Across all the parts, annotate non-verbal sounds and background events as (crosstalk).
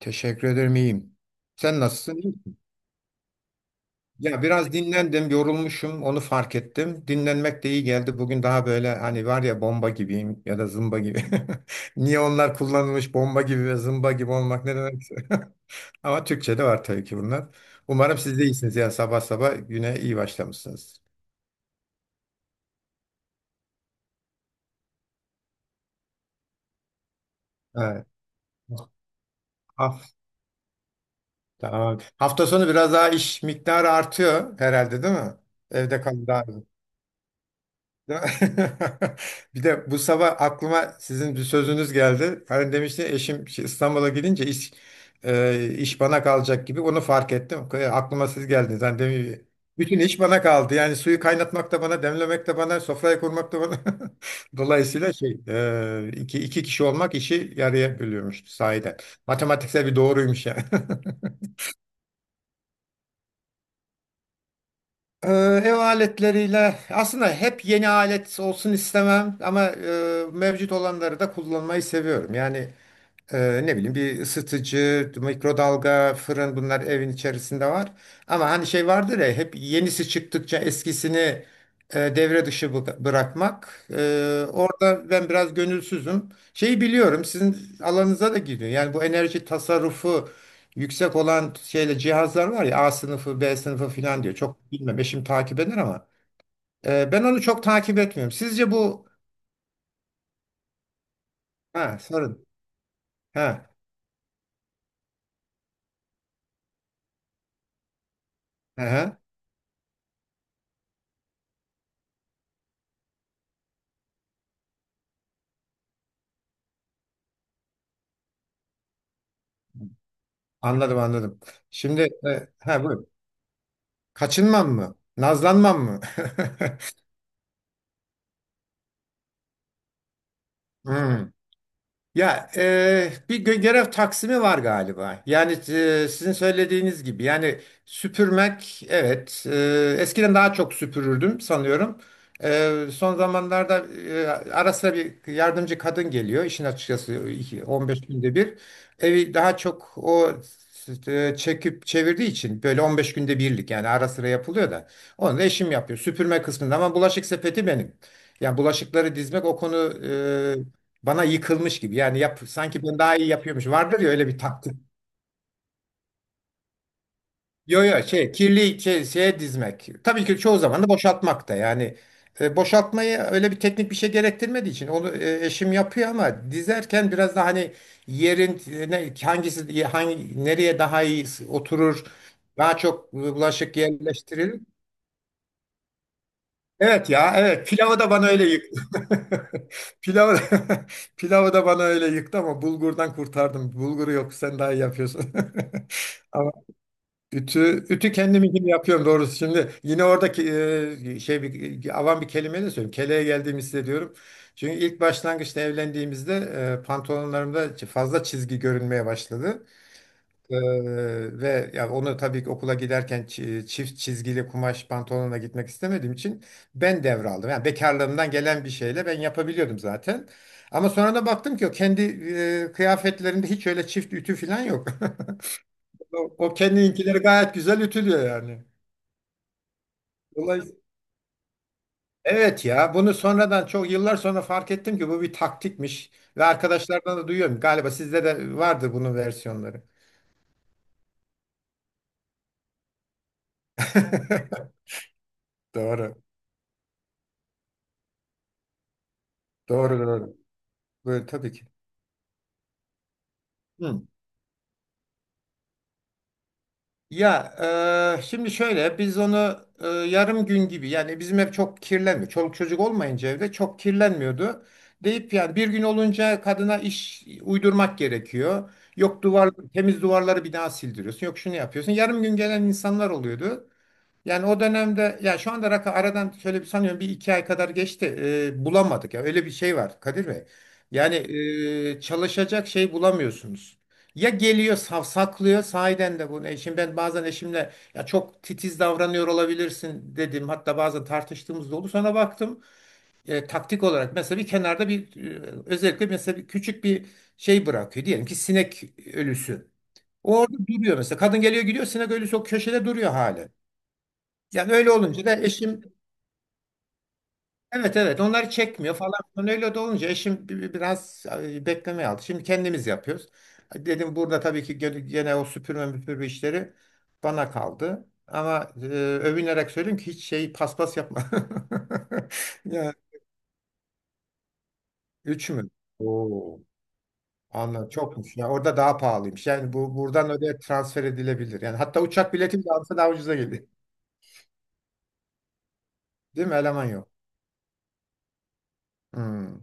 Teşekkür ederim, iyiyim. Sen nasılsın? İyi misin? Ya biraz dinlendim, yorulmuşum, onu fark ettim. Dinlenmek de iyi geldi. Bugün daha böyle hani var ya bomba gibiyim ya da zımba gibi. (laughs) Niye onlar kullanılmış bomba gibi ve zımba gibi olmak ne demekse. (laughs) Ama Türkçe'de var tabii ki bunlar. Umarım siz de iyisiniz ya sabah sabah güne iyi başlamışsınız. Evet. Haf- tamam. Hafta sonu biraz daha iş miktarı artıyor herhalde, değil mi? Evde kalın daha. Ya- (laughs) Bir de bu sabah aklıma sizin bir sözünüz geldi. Hani demişti eşim, şey, İstanbul'a gidince iş bana kalacak gibi onu fark ettim. Aklıma siz geldiniz. Hani demin- Bütün iş bana kaldı. Yani suyu kaynatmak da bana, demlemek de bana, sofrayı kurmak da bana. (laughs) Dolayısıyla iki kişi olmak işi yarıya bölüyormuş sahiden. Matematiksel bir doğruymuş yani. (laughs) Ee, Ev aletleriyle aslında hep yeni alet olsun istemem ama mevcut olanları da kullanmayı seviyorum. Yani ne bileyim, bir ısıtıcı, mikrodalga, fırın, bunlar evin içerisinde var. Ama hani şey vardır ya, hep yenisi çıktıkça eskisini devre dışı bırakmak. Orada ben biraz gönülsüzüm. Şeyi biliyorum, sizin alanınıza da giriyor. Yani bu enerji tasarrufu yüksek olan şeyle cihazlar var ya, A sınıfı, B sınıfı filan diyor. Çok bilmem, eşim takip eder ama. Ben onu çok takip etmiyorum. Sizce bu... Ha, sorun. Ha. Hı hı. Anladım, anladım. Şimdi, ha, buyur. Kaçınmam mı? Nazlanmam mı? (laughs) Hmm. Ya, bir görev taksimi var galiba. Yani, sizin söylediğiniz gibi yani, süpürmek, evet, eskiden daha çok süpürürdüm sanıyorum. Son zamanlarda ara sıra bir yardımcı kadın geliyor işin açıkçası, 15 günde bir. Evi daha çok o çekip çevirdiği için, böyle 15 günde birlik, yani ara sıra yapılıyor da, onu da eşim yapıyor süpürme kısmında, ama bulaşık sepeti benim. Yani bulaşıkları dizmek o konu bana yıkılmış gibi. Yani yap, sanki ben daha iyi yapıyormuş. Vardır ya öyle bir taktik. Yo, yo, şey, kirli şey, şeye dizmek. Tabii ki çoğu zaman da boşaltmak da yani, boşaltmayı öyle bir teknik bir şey gerektirmediği için onu eşim yapıyor, ama dizerken biraz da hani, yerin ne, hangisi hangi nereye daha iyi oturur, daha çok bulaşık yerleştirilir. Evet ya, evet, pilavı da bana öyle yıktı. (laughs) Pilavı, (laughs) pilavı da bana öyle yıktı, ama bulgurdan kurtardım. Bulguru yok, sen daha iyi yapıyorsun. (laughs) Ama ütü kendim için yapıyorum doğrusu. Şimdi yine oradaki şey, bir, avam bir kelime de söyleyeyim, keleğe geldiğimi hissediyorum. Çünkü ilk başlangıçta evlendiğimizde pantolonlarımda fazla çizgi görünmeye başladı. Ve ya onu tabii ki okula giderken çift çizgili kumaş pantolonla gitmek istemediğim için ben devraldım. Yani bekarlığımdan gelen bir şeyle ben yapabiliyordum zaten. Ama sonra da baktım ki o kendi kıyafetlerinde hiç öyle çift ütü falan yok. (laughs) O kendinkileri gayet güzel ütülüyor yani. Dolayısıyla, evet ya, bunu sonradan, çok yıllar sonra fark ettim ki bu bir taktikmiş, ve arkadaşlardan da duyuyorum. Galiba sizde de vardır bunun versiyonları. (laughs) Doğru. Doğru, doğru. Böyle tabii ki. Hı. Ya, şimdi şöyle, biz onu yarım gün gibi, yani bizim ev çok kirlenmiyor. Çoluk çocuk olmayınca evde çok kirlenmiyordu. Deyip yani, bir gün olunca kadına iş uydurmak gerekiyor. Yok duvar temiz, duvarları bir daha sildiriyorsun. Yok şunu yapıyorsun. Yarım gün gelen insanlar oluyordu. Yani o dönemde, ya, şu anda rakı aradan şöyle bir, sanıyorum bir iki ay kadar geçti. Bulamadık ya, öyle bir şey var, Kadir Bey. Yani çalışacak şey bulamıyorsunuz. Ya geliyor, savsaklıyor sahiden de bunu. Eşim, ben bazen eşimle, ya, çok titiz davranıyor olabilirsin dedim. Hatta bazen tartıştığımız da oldu. Sonra baktım taktik olarak mesela, bir kenarda bir, özellikle mesela bir küçük bir şey bırakıyor. Diyelim ki sinek ölüsü. O, orada duruyor mesela. Kadın geliyor, gidiyor, sinek ölüsü o köşede duruyor hali. Yani öyle olunca da eşim, evet, evet, onları çekmiyor falan filan. Öyle de olunca eşim biraz beklemeye aldı. Şimdi kendimiz yapıyoruz. Dedim burada tabii ki, gene gene o süpürme müpürme işleri bana kaldı. Ama övünerek söyleyeyim ki hiç şey, paspas yapma. (laughs) Ya üç mü? Oo. Anladım. Çokmuş. Ya orada daha pahalıymış. Yani bu buradan öyle transfer edilebilir. Yani hatta uçak bileti bile alsa daha ucuza geliyor. Değil mi? Eleman yok. Hmm.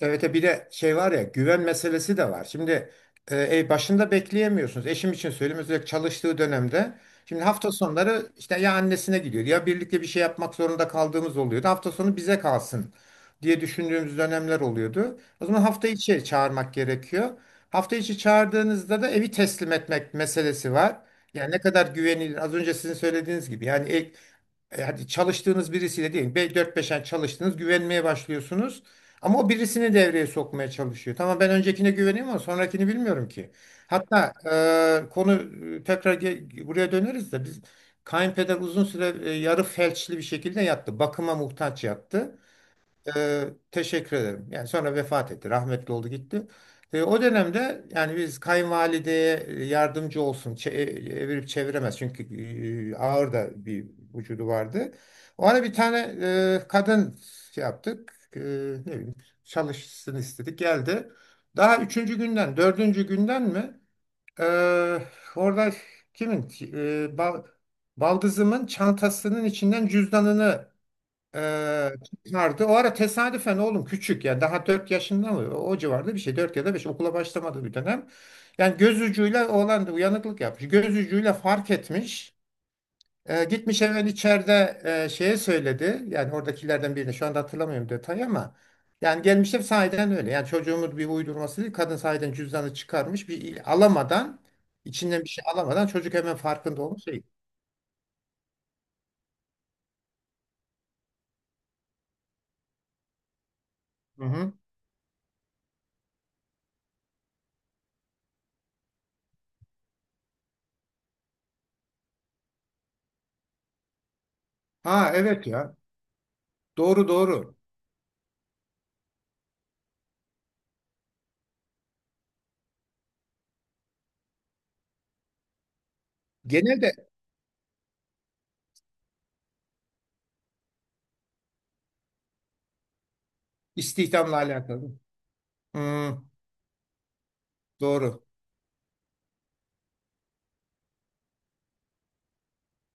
Evet, bir de şey var ya, güven meselesi de var. Şimdi başında bekleyemiyorsunuz. Eşim için söyleyeyim, özellikle çalıştığı dönemde. Şimdi hafta sonları işte ya annesine gidiyordu, ya birlikte bir şey yapmak zorunda kaldığımız oluyordu. Hafta sonu bize kalsın diye düşündüğümüz dönemler oluyordu. O zaman hafta içi çağırmak gerekiyor. Hafta içi çağırdığınızda da evi teslim etmek meselesi var. Yani ne kadar güvenilir, az önce sizin söylediğiniz gibi yani, hadi çalıştığınız birisiyle değil, 4-5 ay çalıştınız, güvenmeye başlıyorsunuz. Ama o birisini devreye sokmaya çalışıyor. Tamam, ben öncekine güveniyorum ama sonrakini bilmiyorum ki. Hatta konu tekrar buraya döneriz de, biz, kayınpeder uzun süre yarı felçli bir şekilde yattı. Bakıma muhtaç yattı. Ee, teşekkür ederim. Yani sonra vefat etti. Rahmetli oldu, gitti. O dönemde yani, biz kayınvalideye yardımcı olsun, çe- Evirip çeviremez. Çünkü ağır da bir vücudu vardı. Ona bir tane kadın şey yaptık. Ne bileyim, çalışsın istedik. Geldi. Daha üçüncü günden, dördüncü günden mi? e, orada kimin? E, bal, baldızımın çantasının içinden cüzdanını ee, çıkardı. O ara tesadüfen oğlum küçük, yani daha 4 yaşında mı o civarda bir şey, 4 ya da beş, okula başlamadı bir dönem. Yani göz ucuyla oğlan da uyanıklık yapmış. Göz ucuyla fark etmiş. Gitmiş hemen içeride şeye söyledi. Yani oradakilerden birine, şu anda hatırlamıyorum detayı ama, yani gelmişler sahiden öyle. Yani çocuğumuz bir uydurması değil. Kadın sahiden cüzdanı çıkarmış. Alamadan, içinden bir şey alamadan, çocuk hemen farkında olmuş. Şey. Hı hı. Ha, evet ya. Doğru, doğru. Genelde İstihdamla alakalı. Hmm, doğru.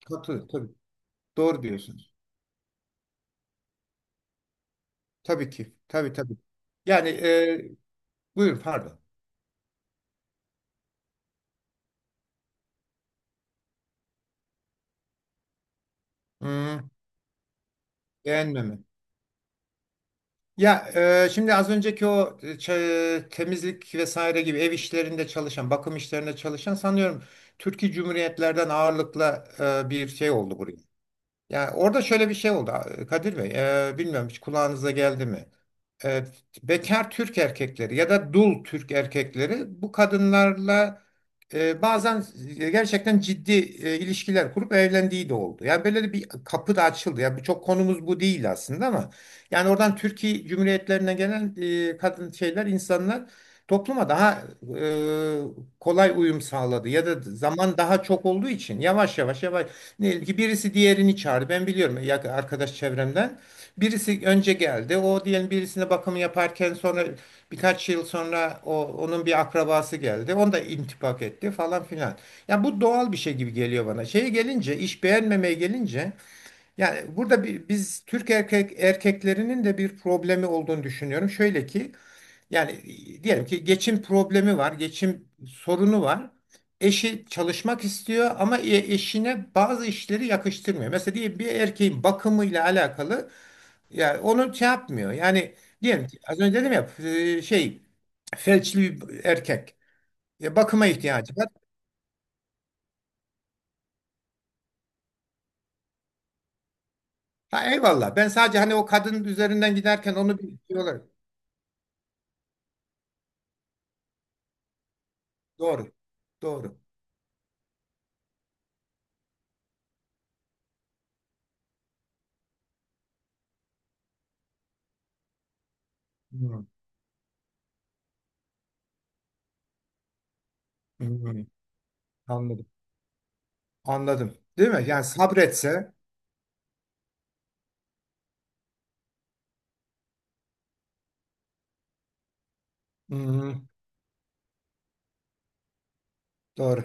Katılıyorum tabii. Doğru diyorsunuz. Tabii ki. Tabii, tabii. Yani, buyurun, pardon. Hmm, beğenmeme. Ya, şimdi az önceki o, temizlik vesaire gibi ev işlerinde çalışan, bakım işlerinde çalışan, sanıyorum Türkiye Cumhuriyetlerden ağırlıkla bir şey oldu buraya. Yani orada şöyle bir şey oldu, Kadir Bey. Bilmiyorum, hiç kulağınıza geldi mi? E, bekar Türk erkekleri ya da dul Türk erkekleri bu kadınlarla bazen gerçekten ciddi ilişkiler kurup evlendiği de oldu. Yani böyle bir kapı da açıldı. Yani bu çok, konumuz bu değil aslında ama, yani oradan Türkiye Cumhuriyetlerine gelen kadın şeyler, insanlar topluma daha kolay uyum sağladı, ya da zaman daha çok olduğu için yavaş yavaş yavaş. Diyelim ki birisi diğerini çağırdı. Ben biliyorum ya arkadaş çevremden. Birisi önce geldi. O diyelim birisine bakımı yaparken, sonra birkaç yıl sonra onun bir akrabası geldi. Onu da intibak etti falan filan. Yani bu doğal bir şey gibi geliyor bana. Şeye gelince, iş beğenmemeye gelince, yani burada bir, biz Türk erkeklerinin de bir problemi olduğunu düşünüyorum. Şöyle ki yani, diyelim ki geçim problemi var, geçim sorunu var. Eşi çalışmak istiyor ama eşine bazı işleri yakıştırmıyor. Mesela diyelim bir erkeğin bakımıyla alakalı, yani onu şey yapmıyor. Yani diyelim ki az önce dedim ya, şey, felçli bir erkek. Bakıma ihtiyacı var. Ha, eyvallah. Ben sadece hani o kadın üzerinden giderken onu bir şey olarak. Doğru. Doğru. Hmm, hmm, Anladım. Anladım. Değil mi? Yani sabretse. Hmm, doğru.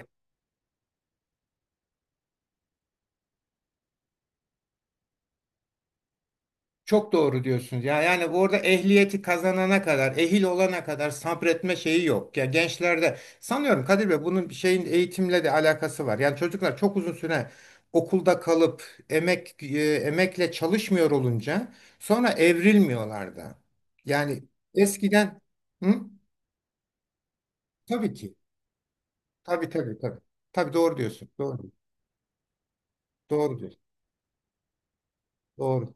Çok doğru diyorsunuz. Ya yani orada ehliyeti kazanana kadar, ehil olana kadar sabretme şeyi yok. Ya gençlerde sanıyorum Kadir Bey, bunun bir şeyin eğitimle de alakası var. Yani çocuklar çok uzun süre okulda kalıp, emekle çalışmıyor olunca, sonra evrilmiyorlar da. Yani eskiden. Hı? Tabii ki. Tabii, tabii, tabii. Tabii, doğru diyorsun. Doğru. Doğru diyorsun. Doğru.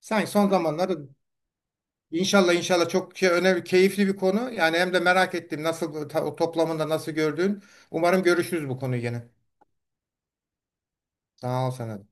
Sanki son zamanlarda. İnşallah, inşallah, çok önemli, keyifli bir konu. Yani hem de merak ettim nasıl, o toplamında nasıl gördüğün. Umarım görüşürüz bu konuyu yine. Sağ ol sana da.